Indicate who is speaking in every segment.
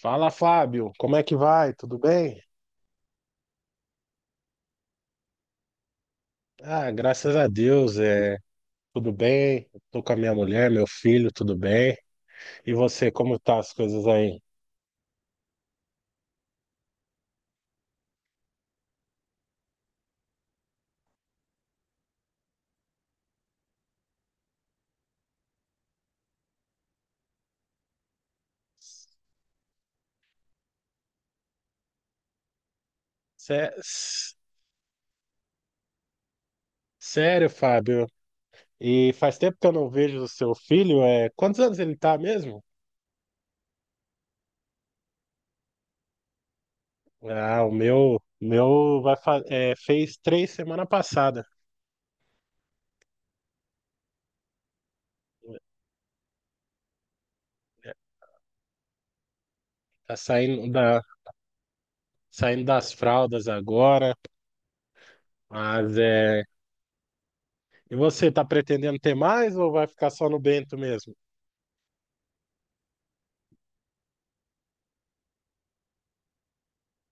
Speaker 1: Fala, Fábio, como é que vai? Tudo bem? Ah, graças a Deus, tudo bem. Tô com a minha mulher, meu filho, tudo bem. E você, como tá as coisas aí? Sé- s- Sério, Fábio? E faz tempo que eu não vejo o seu filho. Quantos anos ele tá mesmo? Ah, o meu fez 3 semana passada. Tá saindo das fraldas agora. Mas é. E você, tá pretendendo ter mais ou vai ficar só no Bento mesmo?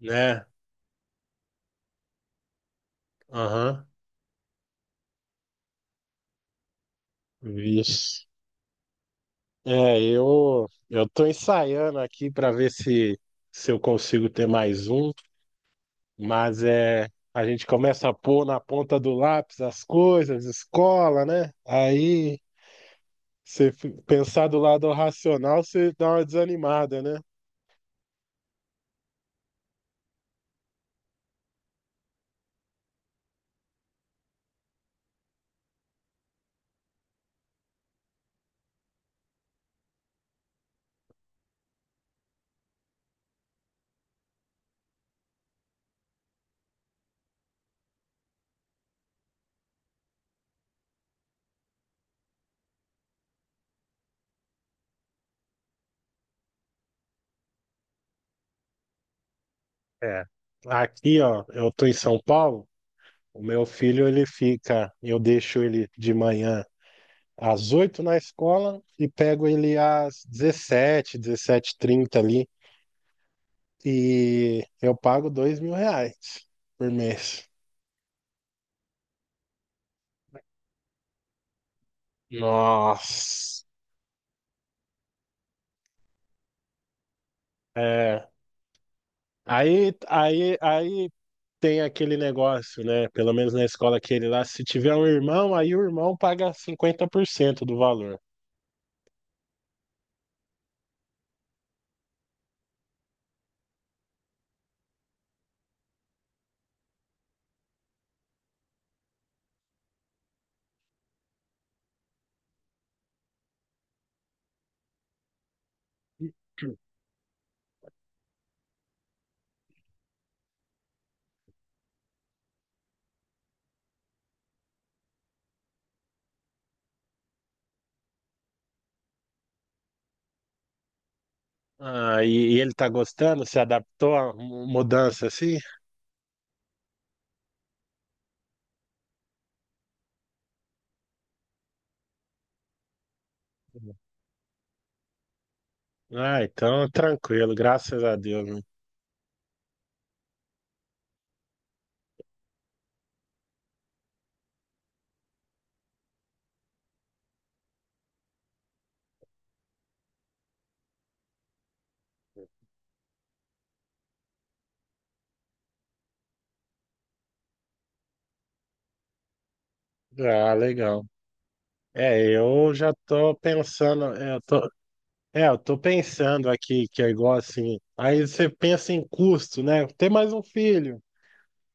Speaker 1: Né? Aham. Vixe. É, eu tô ensaiando aqui para ver se eu consigo ter mais um, mas a gente começa a pôr na ponta do lápis as coisas, escola, né? Aí você pensar do lado racional, você dá uma desanimada, né? É. Aqui, ó, eu tô em São Paulo, o meu filho ele fica, eu deixo ele de manhã às 8h na escola e pego ele às dezessete h 30 ali. E eu pago R$ 2.000 por mês. Nossa. É. Aí tem aquele negócio, né? Pelo menos na escola que ele lá, se tiver um irmão, aí o irmão paga 50% do valor. Ah, e ele tá gostando? Se adaptou à mudança assim? Ah, então tranquilo, graças a Deus. Né? Ah, legal. É, eu já tô pensando, eu tô pensando aqui que é igual assim. Aí você pensa em custo, né? Ter mais um filho.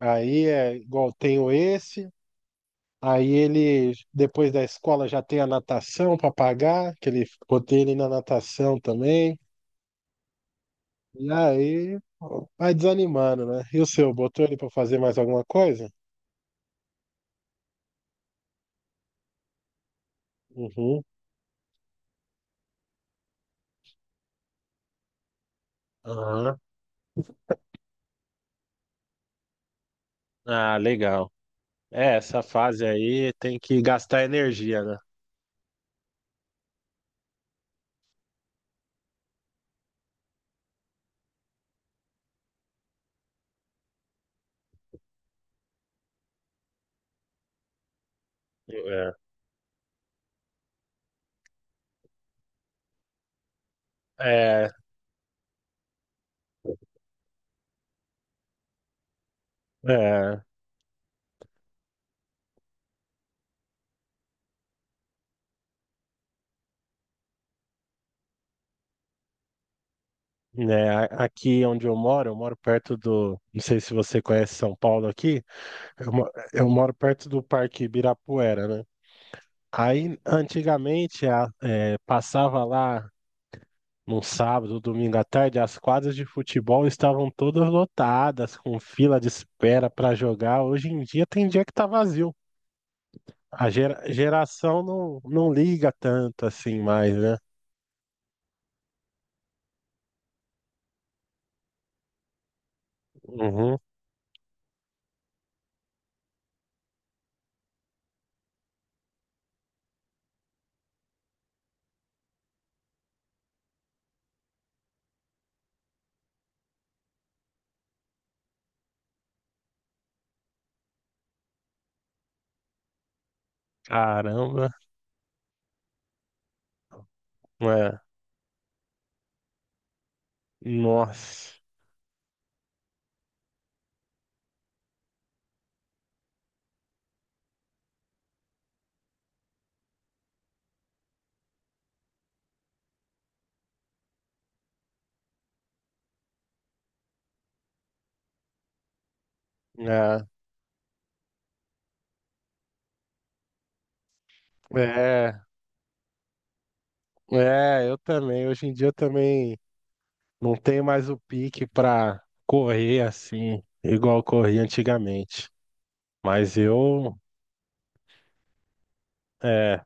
Speaker 1: Aí é igual tenho esse, aí ele depois da escola já tem a natação para pagar, que ele botei ele na natação também. E aí vai desanimando, né? E o seu, botou ele para fazer mais alguma coisa? Uhum. Aham. Ah, legal. É, essa fase aí tem que gastar energia, né? É. É, é, né, aqui onde eu moro, não sei se você conhece São Paulo aqui, eu moro perto do Parque Ibirapuera, né? Aí, antigamente, passava lá num sábado, domingo à tarde, as quadras de futebol estavam todas lotadas, com fila de espera para jogar. Hoje em dia tem dia que tá vazio. A geração não liga tanto assim mais, né? Uhum. Caramba, é, nossa. É. É, eu também. Hoje em dia eu também não tenho mais o pique pra correr assim, igual eu corria antigamente. Mas é,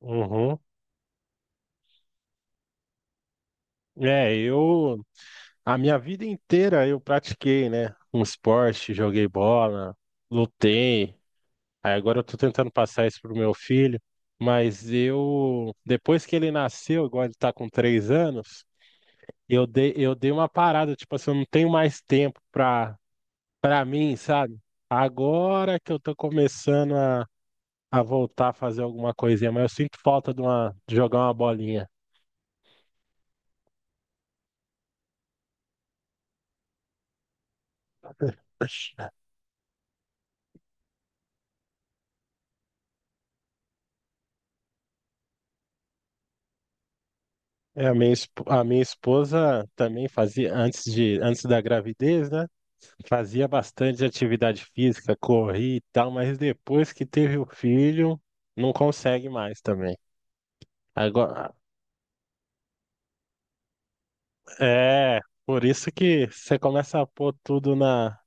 Speaker 1: uhum, é, eu, a minha vida inteira eu pratiquei, né? Um esporte, joguei bola, lutei. Aí agora eu tô tentando passar isso pro meu filho. Mas eu, depois que ele nasceu, igual ele tá com 3 anos, eu dei uma parada, tipo assim, eu não tenho mais tempo pra mim, sabe? Agora que eu tô começando a voltar a fazer alguma coisinha, mas eu sinto falta de jogar uma bolinha. É, a minha esposa também fazia, antes da gravidez, né? Fazia bastante atividade física, corria e tal, mas depois que teve o filho, não consegue mais também. Agora, por isso que você começa a pôr tudo na,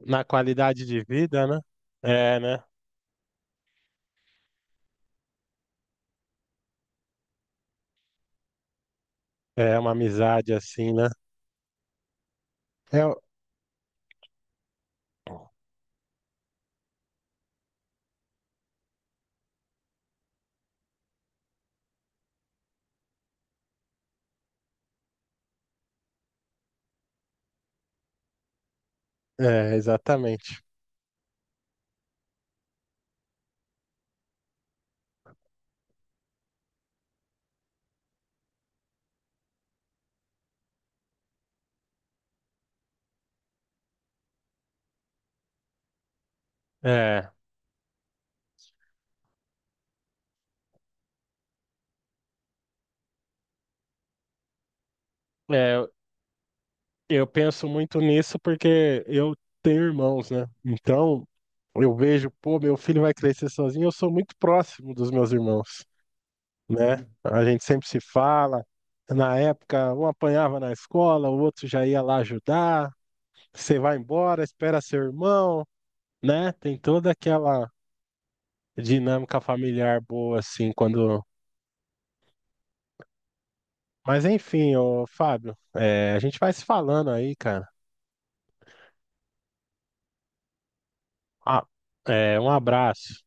Speaker 1: na qualidade de vida, né? É, né? É uma amizade assim, né? É, o- exatamente. É, é, eu penso muito nisso porque eu tenho irmãos, né? Então, eu vejo, pô, meu filho vai crescer sozinho, eu sou muito próximo dos meus irmãos, né? A gente sempre se fala. Na época, um apanhava na escola, o outro já ia lá ajudar. Você vai embora, espera seu irmão, né? Tem toda aquela dinâmica familiar boa, assim, quando. Mas enfim, ô Fábio, a gente vai se falando aí, cara. Ah, um abraço.